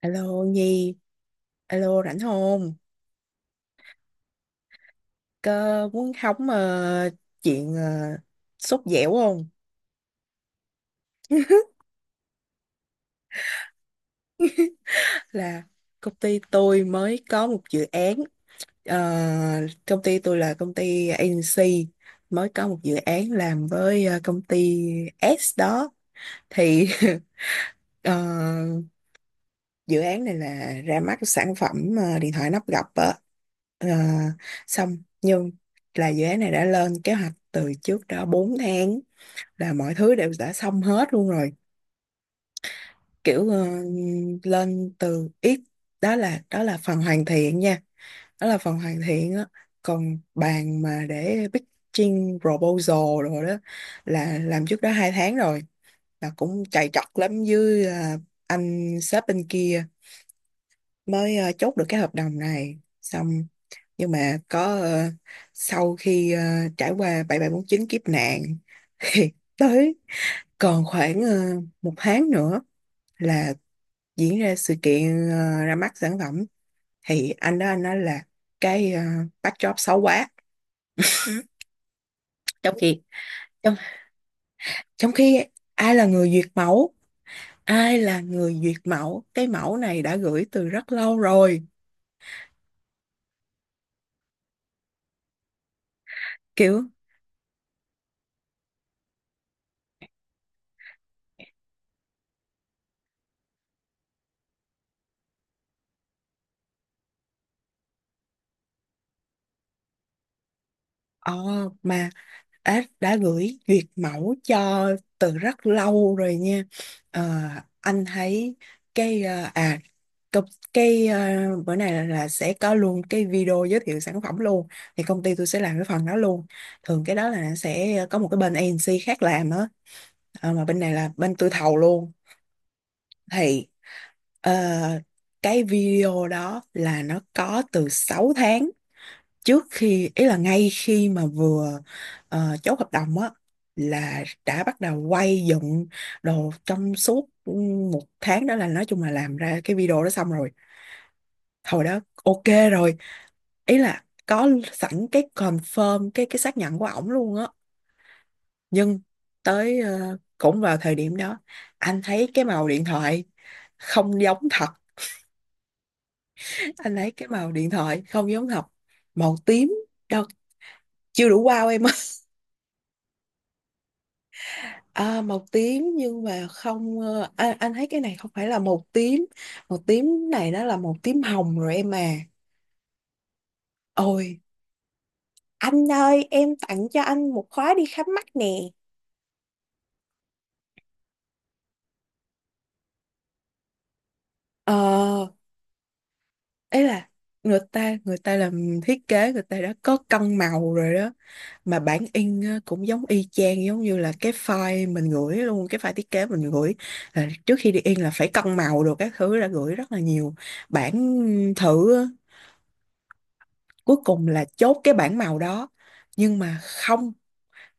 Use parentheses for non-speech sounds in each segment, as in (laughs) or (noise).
Alo Nhi, alo rảnh không? Cơ muốn hóng chuyện sốt dẻo không? (laughs) Là công ty tôi mới có một dự án, ờ, công ty tôi là công ty agency, mới có một dự án làm với công ty S đó. Thì (laughs) ờ, dự án này là ra mắt sản phẩm điện thoại nắp gập á. Ờ, xong nhưng là dự án này đã lên kế hoạch từ trước đó 4 tháng là mọi thứ đều đã xong hết luôn rồi, kiểu lên từ ít. Đó là phần hoàn thiện nha, đó là phần hoàn thiện á. Còn bàn mà để pitching proposal rồi đó là làm trước đó hai tháng rồi, là cũng chạy chọt lắm với anh sếp bên kia mới chốt được cái hợp đồng này. Xong nhưng mà có sau khi trải qua bảy bảy bốn chín kiếp nạn (laughs) thì tới còn khoảng một tháng nữa là diễn ra sự kiện ra mắt sản phẩm. Thì anh đó anh nói là cái ờ, backdrop xấu quá. Trong khi trong, trong khi ai là người duyệt mẫu, ai là người duyệt mẫu? Cái mẫu này đã gửi từ rất lâu rồi, kiểu ờ, mà đã gửi duyệt mẫu cho từ rất lâu rồi nha. Ờ, anh thấy cái ờ, à Cục cái ờ, bữa này là sẽ có luôn cái video giới thiệu sản phẩm luôn, thì công ty tôi sẽ làm cái phần đó luôn. Thường cái đó là sẽ có một cái bên agency khác làm á. Ờ, mà bên này là bên tôi thầu luôn. Thì ờ, cái video đó là nó có từ 6 tháng trước, khi ý là ngay khi mà vừa chốt hợp đồng á là đã bắt đầu quay dựng đồ. Trong suốt một tháng đó là nói chung là làm ra cái video đó xong rồi, hồi đó ok rồi, ý là có sẵn cái confirm, cái xác nhận của ổng luôn á. Nhưng tới cũng vào thời điểm đó anh thấy cái màu điện thoại không giống thật. (laughs) Anh thấy cái màu điện thoại không giống thật, màu tím đâu, chưa đủ wow em ơi. (laughs) À, màu tím nhưng mà không anh thấy cái này không phải là màu tím, màu tím này nó là màu tím hồng rồi em à. Ôi anh ơi em tặng cho anh một khóa đi khám mắt nè. Ờ, ấy là người ta làm thiết kế, người ta đã có cân màu rồi đó, mà bản in á cũng giống y chang, giống như là cái file mình gửi luôn, cái file thiết kế mình gửi là trước khi đi in là phải cân màu đồ các thứ, đã gửi rất là nhiều bản thử á. Cuối cùng là chốt cái bản màu đó, nhưng mà không,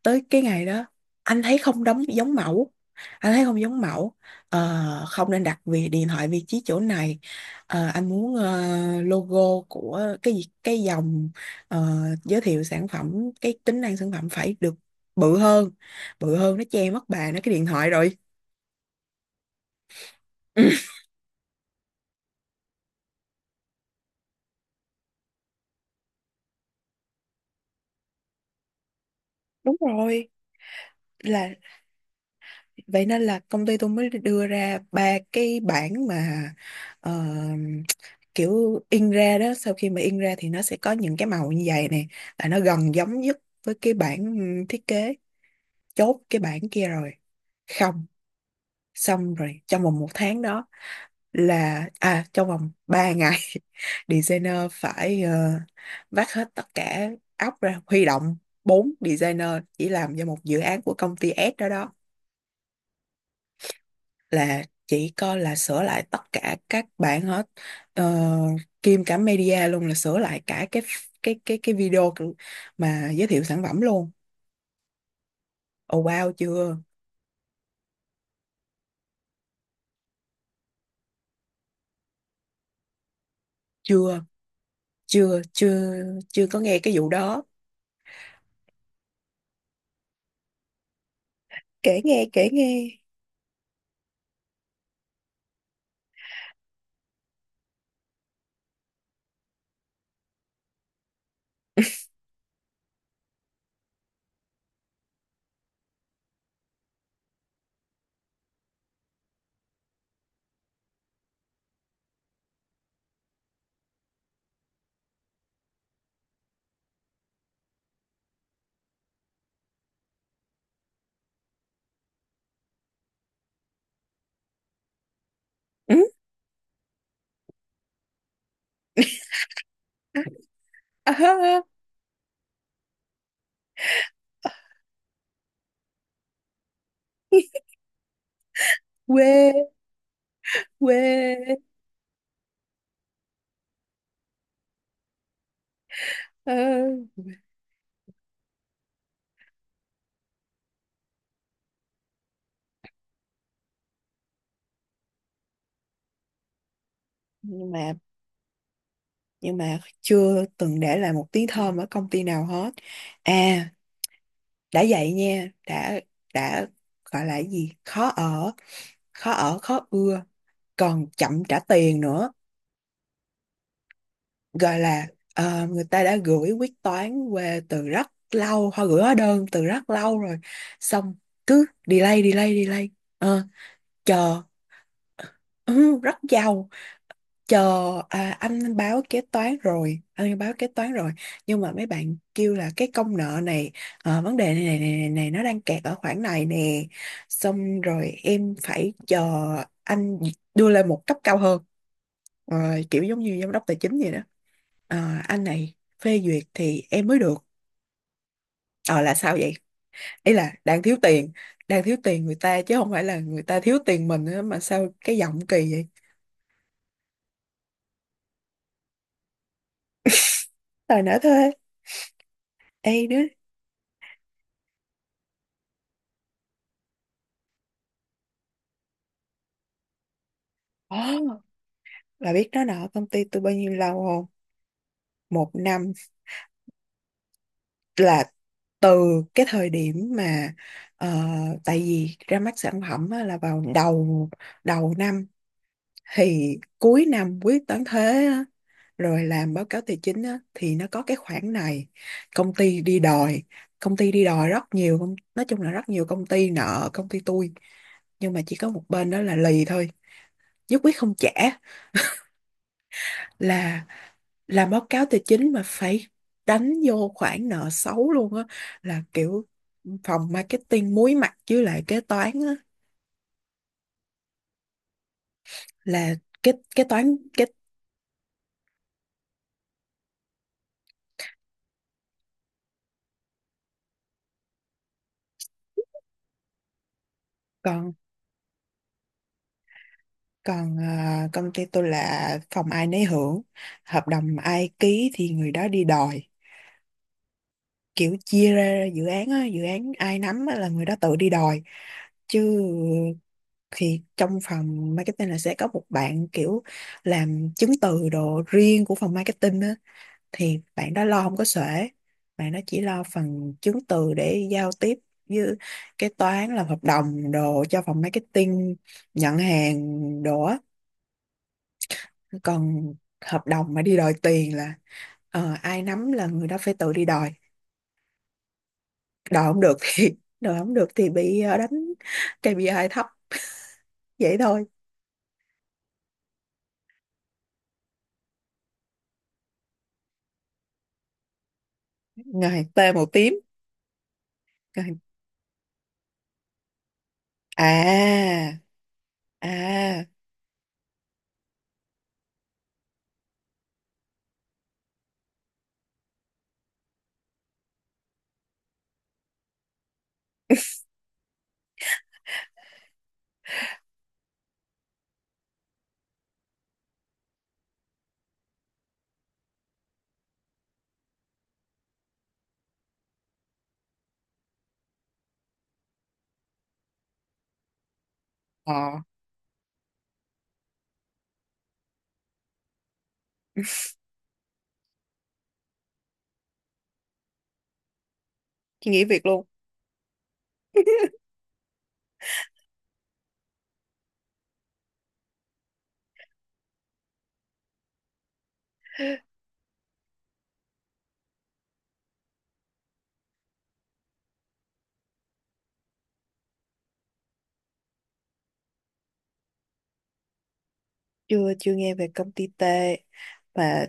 tới cái ngày đó anh thấy không đóng giống mẫu, anh thấy không giống mẫu. Ờ, không nên đặt vì điện thoại vị trí chỗ này. Ờ, anh muốn logo của cái gì- cái dòng ờ, giới thiệu sản phẩm, cái tính năng sản phẩm phải được bự hơn, bự hơn nó che mất bà nó cái điện thoại rồi. (laughs) Đúng rồi, là vậy nên là công ty tôi mới đưa ra ba cái bảng mà ờ, kiểu in ra đó, sau khi mà in ra thì nó sẽ có những cái màu như vậy nè, là nó gần giống nhất với cái bản thiết kế. Chốt cái bản kia rồi, không, xong rồi trong vòng một tháng đó là à trong vòng 3 ngày (laughs) designer phải vác hết tất cả óc ra huy động bốn designer chỉ làm cho một dự án của công ty S đó đó, là chỉ coi là sửa lại tất cả các bản hết. Ờ, kiêm cả media luôn, là sửa lại cả cái video mà giới thiệu sản phẩm luôn. Oh wow, chưa, chưa chưa chưa có nghe cái vụ đó. Kể nghe, kể nghe. Ừ? (laughs) À, ha, quê, quê. Ờ. Nhưng mà, nhưng mà chưa từng để lại một tiếng thơm ở công ty nào hết. À đã vậy nha, đã, gọi là cái gì, khó ở, khó ở khó ưa, còn chậm trả tiền nữa. Gọi là người ta đã gửi quyết toán về từ rất lâu, họ gửi hóa đơn từ rất lâu rồi, xong cứ delay delay delay. Ờ, chờ. Ừ, rất giàu. Chờ. À, anh báo kế toán rồi, anh báo kế toán rồi, nhưng mà mấy bạn kêu là cái công nợ này vấn đề này này, này này này nó đang kẹt ở khoản này nè, xong rồi em phải chờ anh đưa lên một cấp cao hơn. Ờ, kiểu giống như giám đốc tài chính vậy đó. Ờ, anh này phê duyệt thì em mới được. Ờ là sao vậy, ý là đang thiếu tiền, đang thiếu tiền người ta chứ không phải là người ta thiếu tiền mình á, mà sao cái giọng kỳ vậy. Đòi nợ thuê. Ê đứa. Ờ. Là biết nó nợ công ty tôi bao nhiêu lâu không? Một năm. Là từ cái thời điểm mà ờ, tại vì ra mắt sản phẩm á, là vào đầu đầu năm, thì cuối năm quyết toán thuế á, rồi làm báo cáo tài chính á, thì nó có cái khoản này. Công ty đi đòi, công ty đi đòi rất nhiều công- nói chung là rất nhiều công ty nợ công ty tôi, nhưng mà chỉ có một bên đó là lì thôi, nhất quyết không trả. Là làm báo cáo tài chính mà phải đánh vô khoản nợ xấu luôn á. Là kiểu phòng marketing muối mặt với lại kế toán á, là kế kế toán kế Còn, còn à, công ty tôi là phòng ai nấy hưởng, hợp đồng ai ký thì người đó đi đòi, kiểu chia ra dự án á, dự án ai nắm á là người đó tự đi đòi chứ. Thì trong phòng marketing là sẽ có một bạn kiểu làm chứng từ đồ riêng của phòng marketing á, thì bạn đó lo không có xuể. Bạn đó chỉ lo phần chứng từ để giao tiếp với kế toán, làm hợp đồng đồ cho phòng marketing, nhận hàng đồ á. Còn hợp đồng mà đi đòi tiền là ai nắm là người đó phải tự đi đòi. Đòi không được thì (laughs) đòi không được thì bị đánh KPI thấp, vậy thôi. Ngày T màu tím. Ngày- à, à, ờ chị nghỉ việc luôn. (laughs) Chưa, chưa nghe về công ty T. Mà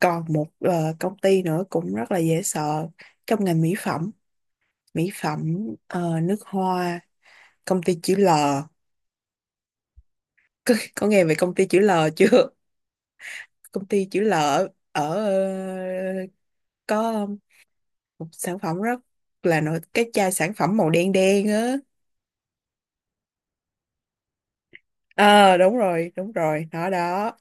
còn một công ty nữa cũng rất là dễ sợ, trong ngành mỹ phẩm, mỹ phẩm, nước hoa, công ty chữ L. Có nghe về công ty chữ L chưa? (laughs) Công ty chữ L ở có một sản phẩm rất là nổi, cái chai sản phẩm màu đen đen á. Ờ đúng rồi, đúng rồi nó đó.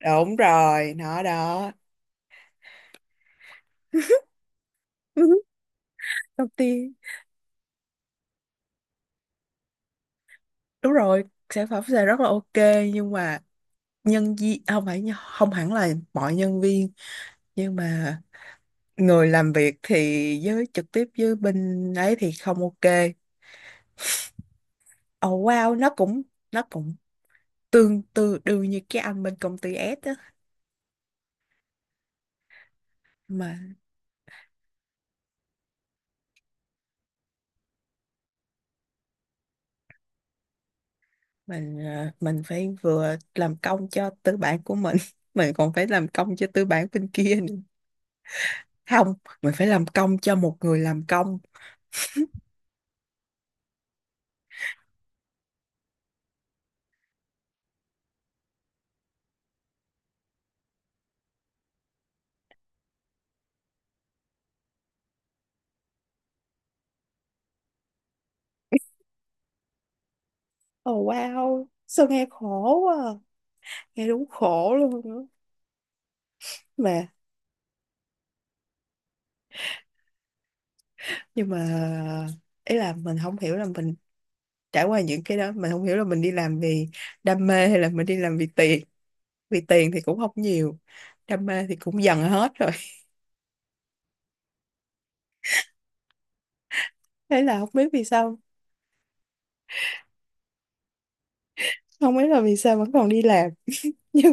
Đúng rồi nó đó. (laughs) Công ty, đúng rồi, sản phẩm sẽ rất là ok, nhưng mà nhân viên không phải, không hẳn là mọi nhân viên, nhưng mà người làm việc thì với trực tiếp với bên ấy thì không ok. Oh wow, nó cũng, nó cũng tương tự đương như cái anh bên công ty S á. Mà mình mình phải vừa làm công cho tư bản của mình (laughs) mình còn phải làm công cho tư bản bên kia nữa. Không, mình phải làm công cho một người làm công. Oh wow sao nghe khổ quá à. Nghe đúng khổ luôn á. Mà nhưng mà ý là mình không hiểu là mình trải qua những cái đó, mình không hiểu là mình đi làm vì đam mê hay là mình đi làm vì tiền. Vì tiền thì cũng không nhiều, đam mê thì cũng dần hết rồi. (laughs) Thế là không biết vì sao, không biết là vì sao vẫn còn đi làm. (laughs) Nhưng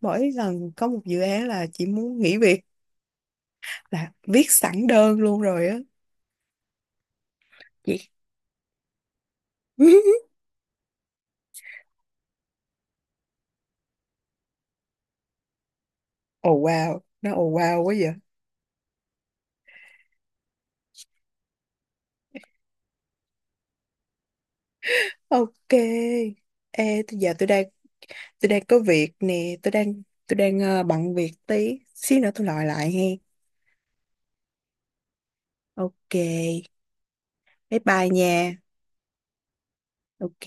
mỗi lần có một dự án là chỉ muốn nghỉ việc, là viết sẵn đơn luôn rồi á chị. (laughs) Oh wow nó oh wow quá vậy. Ok, ê tôi giờ tôi đang, tôi đang có việc nè, tôi đang bận việc tí xíu nữa tôi gọi lại he. Ok, bye bye nha. Ok.